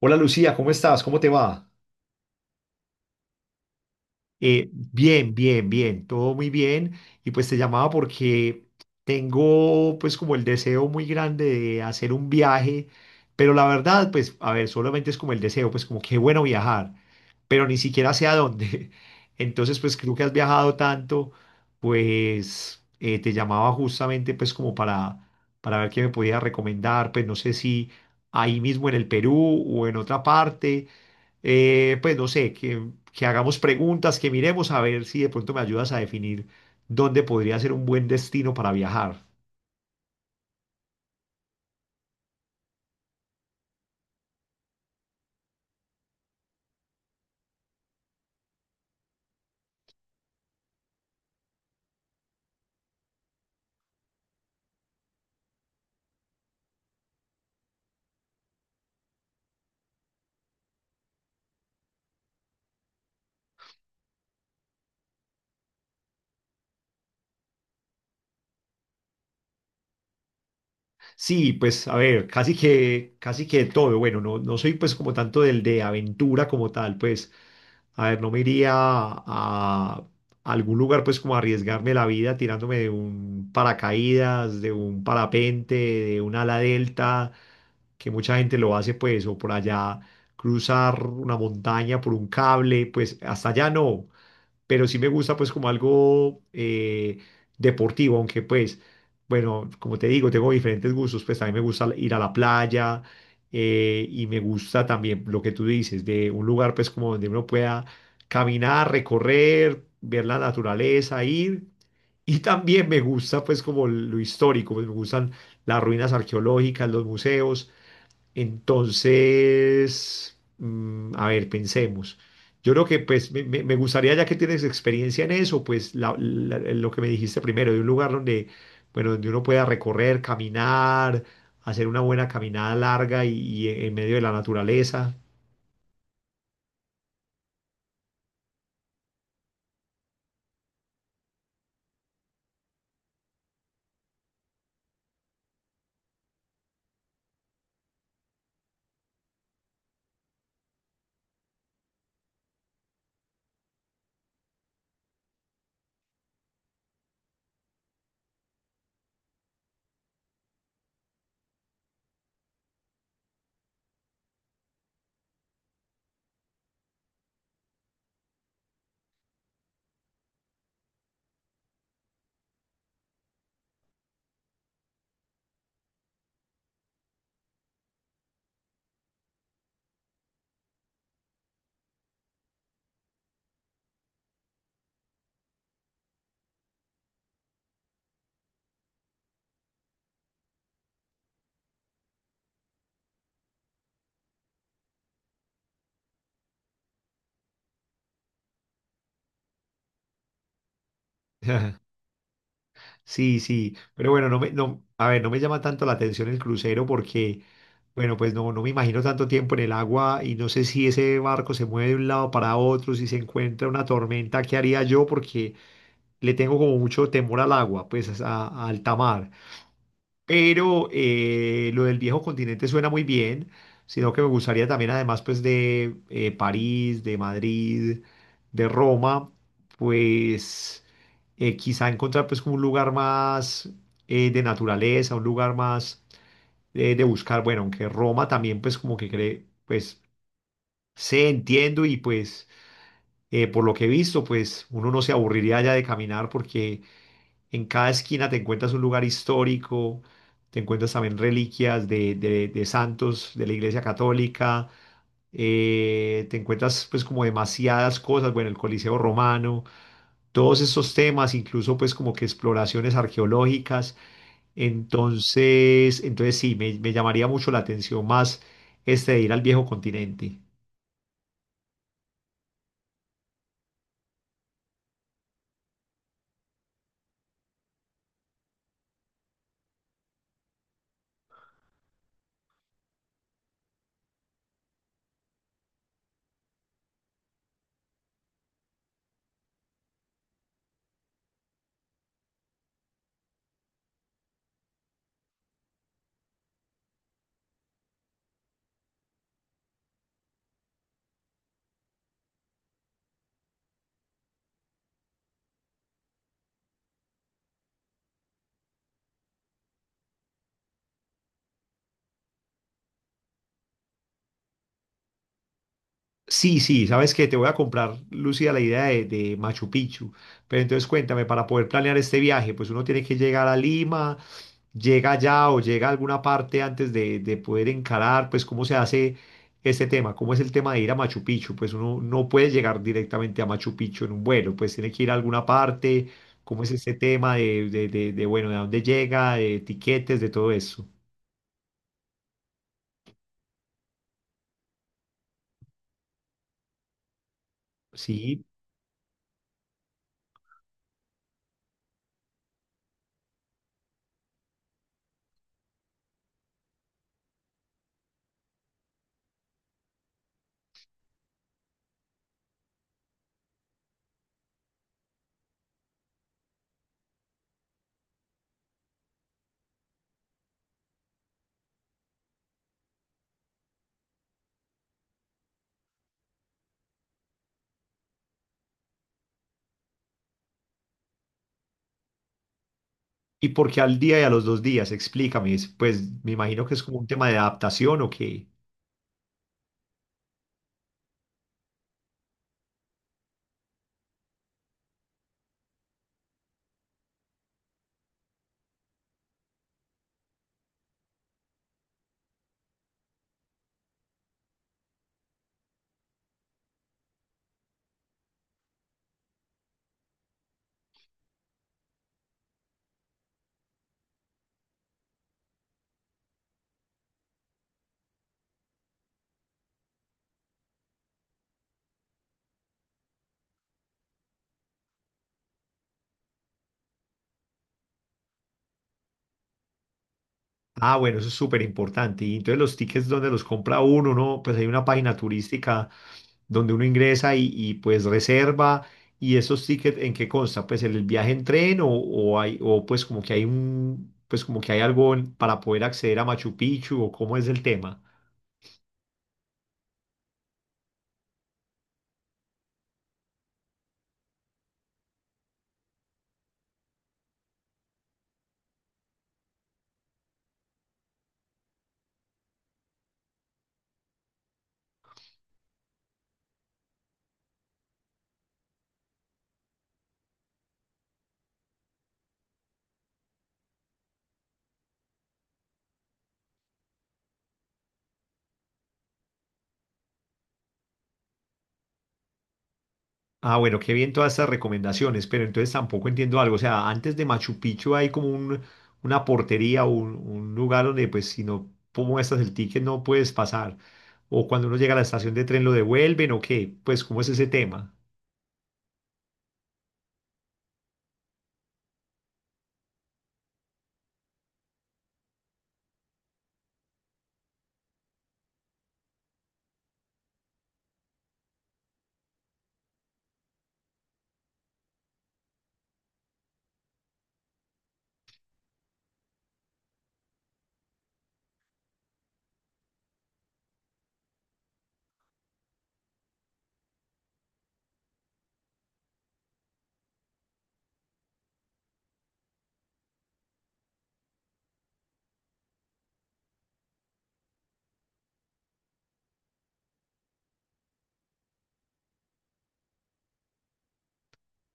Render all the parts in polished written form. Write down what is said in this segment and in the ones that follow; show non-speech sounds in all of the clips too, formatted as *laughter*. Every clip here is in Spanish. Hola Lucía, ¿cómo estás? ¿Cómo te va? Bien, bien, bien, todo muy bien. Y pues te llamaba porque tengo pues como el deseo muy grande de hacer un viaje, pero la verdad pues a ver, solamente es como el deseo, pues como qué bueno viajar, pero ni siquiera sé a dónde. *laughs* Entonces pues creo que has viajado tanto, pues te llamaba justamente pues como para ver qué me podías recomendar, pues no sé si ahí mismo en el Perú o en otra parte pues no sé, que hagamos preguntas, que miremos a ver si de pronto me ayudas a definir dónde podría ser un buen destino para viajar. Sí, pues a ver, casi que todo. Bueno, no, no soy pues como tanto del de aventura como tal, pues a ver, no me iría a algún lugar pues como a arriesgarme la vida tirándome de un paracaídas, de un parapente, de un ala delta que mucha gente lo hace pues, o por allá cruzar una montaña por un cable, pues hasta allá no, pero sí me gusta pues como algo deportivo, aunque pues, bueno, como te digo, tengo diferentes gustos, pues también me gusta ir a la playa y me gusta también lo que tú dices, de un lugar pues como donde uno pueda caminar, recorrer, ver la naturaleza, ir. Y también me gusta pues como lo histórico, pues, me gustan las ruinas arqueológicas, los museos, entonces, mm, a ver, pensemos. Yo creo que pues me gustaría, ya que tienes experiencia en eso, pues lo que me dijiste primero, de un lugar donde, bueno, donde uno pueda recorrer, caminar, hacer una buena caminada larga y en medio de la naturaleza. *laughs* Sí, sí, pero bueno, no, a ver, no me llama tanto la atención el crucero porque, bueno, pues no, no me imagino tanto tiempo en el agua y no sé si ese barco se mueve de un lado para otro, si se encuentra una tormenta, ¿qué haría yo? Porque le tengo como mucho temor al agua, pues a alta mar pero lo del viejo continente suena muy bien, sino que me gustaría también, además, pues de París, de Madrid, de Roma, pues quizá encontrar pues como un lugar más de naturaleza, un lugar más de buscar, bueno, aunque Roma también pues como que cree, pues sé, entiendo y pues por lo que he visto, pues uno no se aburriría ya de caminar porque en cada esquina te encuentras un lugar histórico, te encuentras también reliquias de, de santos de la Iglesia Católica, te encuentras pues como demasiadas cosas, bueno, el Coliseo Romano, todos estos temas, incluso pues como que exploraciones arqueológicas. Entonces sí, me llamaría mucho la atención más este de ir al viejo continente. Sí, sí, sabes que te voy a comprar, Lucía, la idea de Machu Picchu. Pero entonces cuéntame, para poder planear este viaje, pues uno tiene que llegar a Lima, llega allá o llega a alguna parte antes de poder encarar, pues cómo se hace este tema, cómo es el tema de ir a Machu Picchu. Pues uno no puede llegar directamente a Machu Picchu en un vuelo, pues tiene que ir a alguna parte, cómo es este tema de, bueno, de dónde llega, de etiquetes, de todo eso. Sí. ¿Y por qué al día y a los dos días? Explícame. Pues me imagino que es como un tema de adaptación o qué. Ah, bueno, eso es súper importante. Y entonces los tickets donde los compra uno, ¿no? Pues hay una página turística donde uno ingresa y, pues reserva. ¿Y esos tickets en qué consta? Pues el viaje en tren o hay, o pues como que hay un, pues como que hay algo para poder acceder a Machu Picchu o cómo es el tema. Ah, bueno, qué bien todas estas recomendaciones, pero entonces tampoco entiendo algo. O sea, antes de Machu Picchu hay como un, una portería, un lugar donde pues si no muestras el ticket no puedes pasar. O cuando uno llega a la estación de tren lo devuelven o qué, pues ¿cómo es ese tema?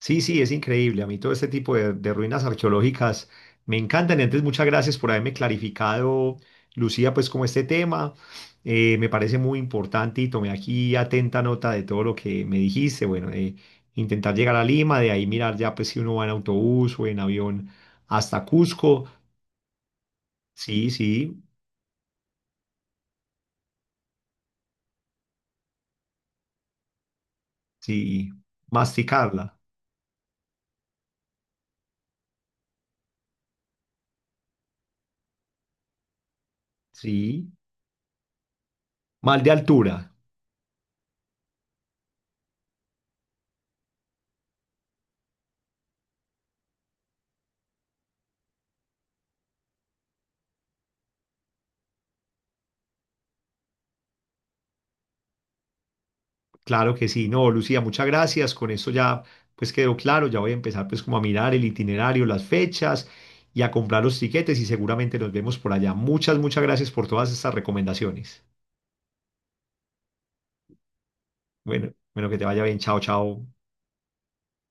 Sí, sí, es increíble. A mí todo este tipo de ruinas arqueológicas me encantan. Y antes, muchas gracias por haberme clarificado, Lucía, pues como este tema. Me parece muy importante y tomé aquí atenta nota de todo lo que me dijiste. Bueno, de intentar llegar a Lima, de ahí mirar ya pues si uno va en autobús o en avión hasta Cusco. Sí, sí, sí. Masticarla. Sí. Mal de altura. Claro que sí, no, Lucía, muchas gracias. Con esto ya pues quedó claro, ya voy a empezar pues como a mirar el itinerario, las fechas y a comprar los tiquetes y seguramente nos vemos por allá. Muchas, muchas gracias por todas estas recomendaciones. Bueno, bueno, que te vaya bien. Chao, chao.